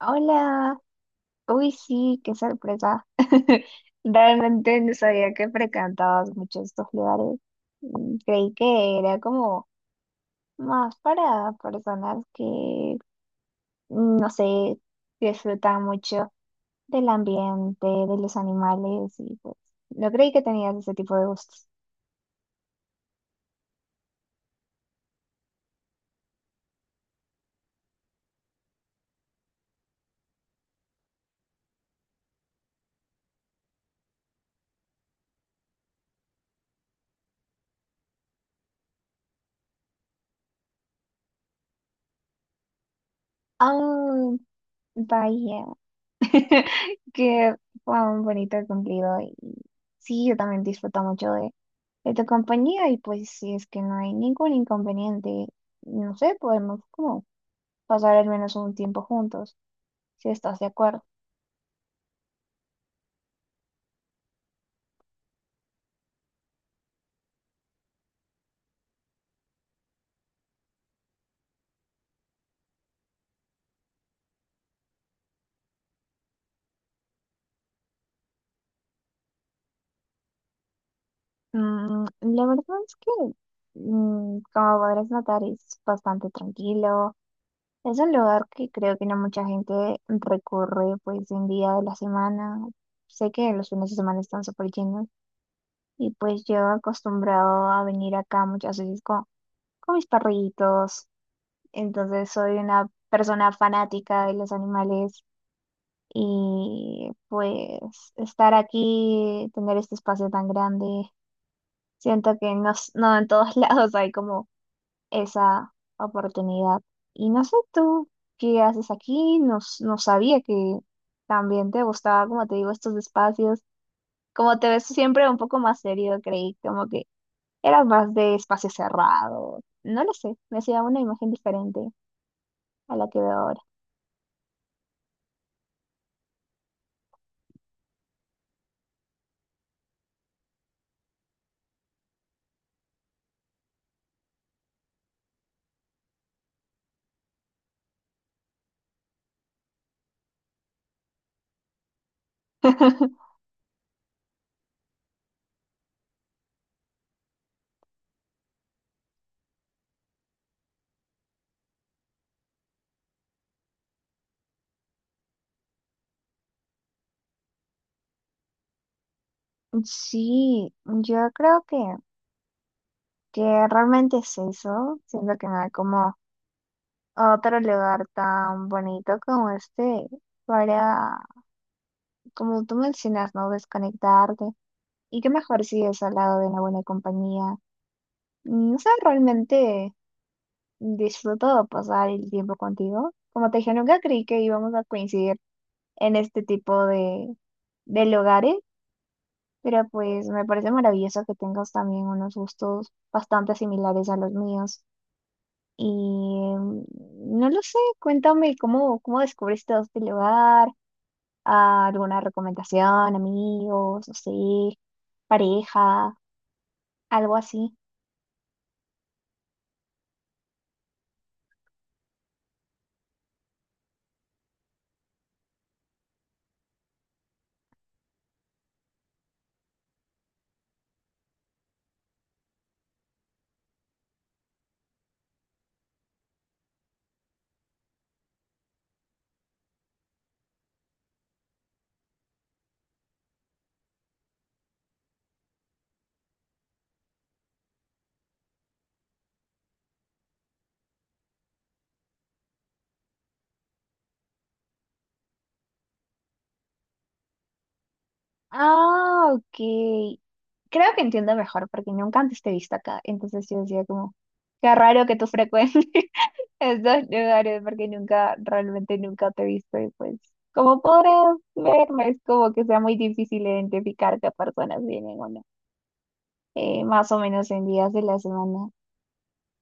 Hola, uy sí, qué sorpresa. Realmente no sabía que frecuentabas mucho estos lugares. Creí que era como más para personas que, no sé, disfrutan mucho del ambiente, de los animales y pues no creí que tenías ese tipo de gustos. Ah, vaya. Que fue un bonito cumplido y sí, yo también disfruto mucho de tu compañía y pues si es que no hay ningún inconveniente, no sé, podemos como pasar al menos un tiempo juntos, si estás de acuerdo. La verdad es que, como podrás notar, es bastante tranquilo. Es un lugar que creo que no mucha gente recurre pues en día de la semana. Sé que los fines de semana están súper llenos. Y pues yo acostumbrado a venir acá muchas veces con mis perritos. Entonces soy una persona fanática de los animales. Y pues estar aquí, tener este espacio tan grande, siento que no, no en todos lados hay como esa oportunidad. Y no sé tú qué haces aquí, no, no sabía que también te gustaba, como te digo, estos espacios. Como te ves siempre un poco más serio, creí, como que era más de espacio cerrado. No lo sé, me hacía una imagen diferente a la que veo ahora. Sí, yo creo que realmente es eso, siento que no hay como otro lugar tan bonito como este para, como tú mencionas, ¿no? Desconectarte. Y qué mejor si es al lado de una buena compañía. No sé, realmente disfruto pasar el tiempo contigo. Como te dije, nunca creí que íbamos a coincidir en este tipo de lugares, pero pues me parece maravilloso que tengas también unos gustos bastante similares a los míos. Y mm, no lo sé, cuéntame cómo, cómo descubriste este lugar, ah, alguna recomendación, amigos, no sé, pareja, algo así. Ah, ok. Creo que entiendo mejor porque nunca antes te he visto acá. Entonces yo decía como, qué raro que tú frecuentes estos lugares porque nunca, realmente nunca te he visto y pues, como podrás verme, es como que sea muy difícil identificar qué personas vienen o no. Más o menos en días de la semana.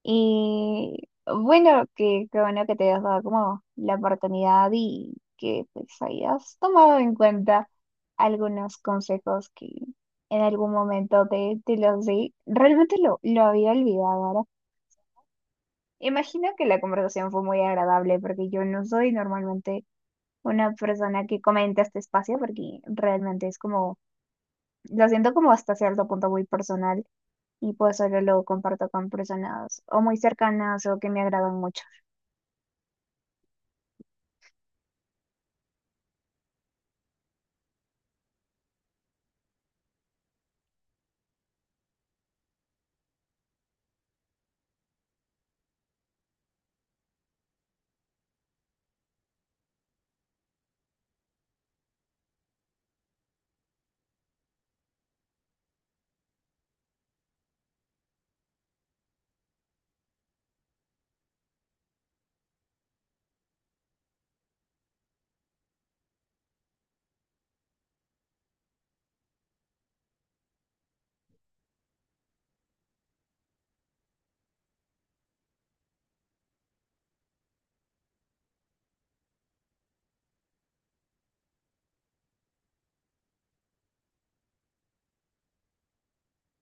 Y bueno, que qué bueno que te hayas dado como la oportunidad y que pues hayas tomado en cuenta algunos consejos que en algún momento te, te los di. Realmente lo había olvidado ahora. Imagino que la conversación fue muy agradable porque yo no soy normalmente una persona que comenta este espacio porque realmente es como, lo siento como hasta cierto punto muy personal y pues solo lo comparto con personas o muy cercanas o que me agradan mucho.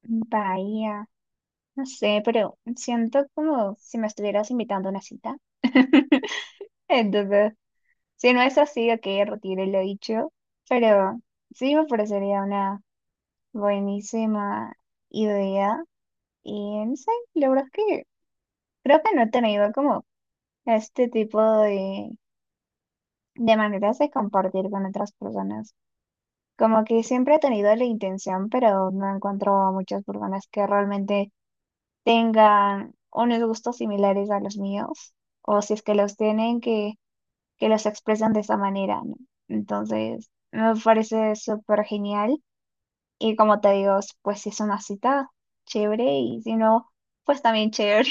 Bahía, no sé, pero siento como si me estuvieras invitando a una cita. Entonces, si no es así, ok, retire lo dicho, pero sí me parecería una buenísima idea. Y no sé, la verdad es que creo que no he tenido como este tipo de maneras de compartir con otras personas. Como que siempre he tenido la intención, pero no encuentro a muchas personas que realmente tengan unos gustos similares a los míos, o si es que los tienen, que los expresan de esa manera, ¿no? Entonces, me parece súper genial. Y como te digo, pues si es una cita, chévere, y si no, pues también chévere.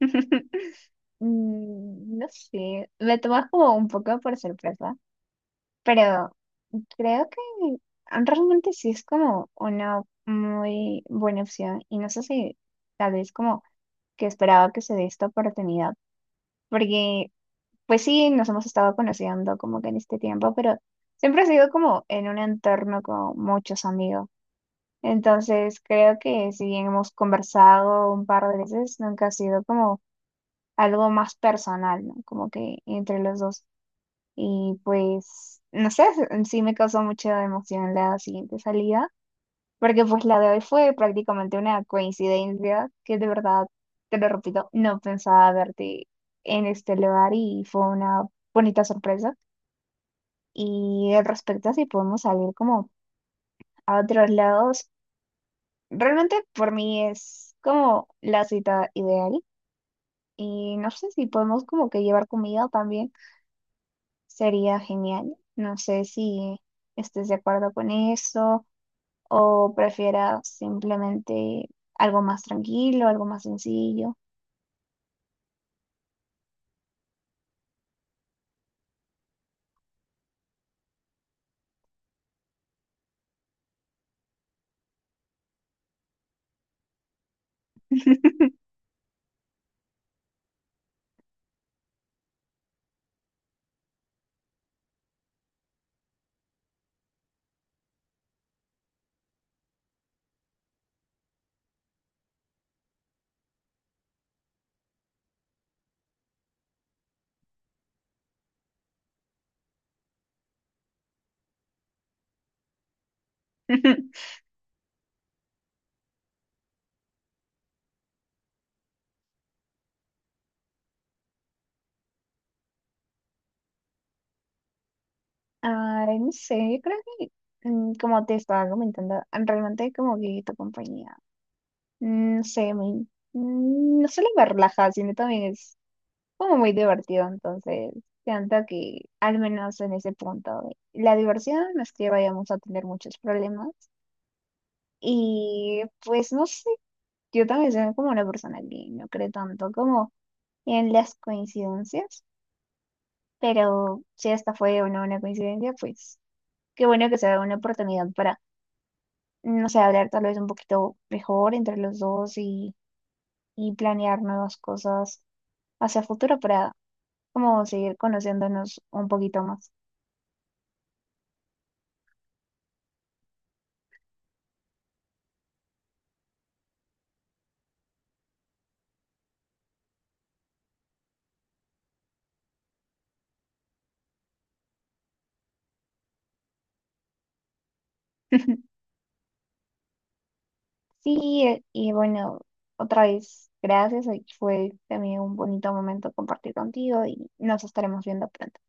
No sé, me tomas como un poco por sorpresa, pero creo que realmente sí es como una muy buena opción y no sé si tal vez como que esperaba que se dé esta oportunidad. Porque, pues sí, nos hemos estado conociendo como que en este tiempo, pero siempre ha sido como en un entorno con muchos amigos. Entonces, creo que si bien hemos conversado un par de veces, nunca ha sido como algo más personal, ¿no? Como que entre los dos. Y pues, no sé, sí me causó mucha emoción la siguiente salida. Porque pues la de hoy fue prácticamente una coincidencia que de verdad, te lo repito, no pensaba verte en este lugar y fue una bonita sorpresa. Y al respecto a si podemos salir como a otros lados, realmente por mí es como la cita ideal. Y no sé si podemos como que llevar comida también, sería genial. No sé si estés de acuerdo con eso o prefieras simplemente algo más tranquilo, algo más sencillo. Ay, no sé, yo creo que como te estaba comentando, realmente como que tu compañía, no sé, no solo me relaja, sino también es como muy divertido, entonces siento que al menos en ese punto, la diversión no es que vayamos a tener muchos problemas y pues no sé, yo también soy como una persona que no cree tanto como en las coincidencias. Pero si esta fue o no una coincidencia, pues qué bueno que se da una oportunidad para, no sé, hablar tal vez un poquito mejor entre los dos y planear nuevas cosas hacia futuro para como seguir conociéndonos un poquito más. Sí, y bueno, otra vez, gracias. Hoy fue también un bonito momento compartir contigo y nos estaremos viendo pronto.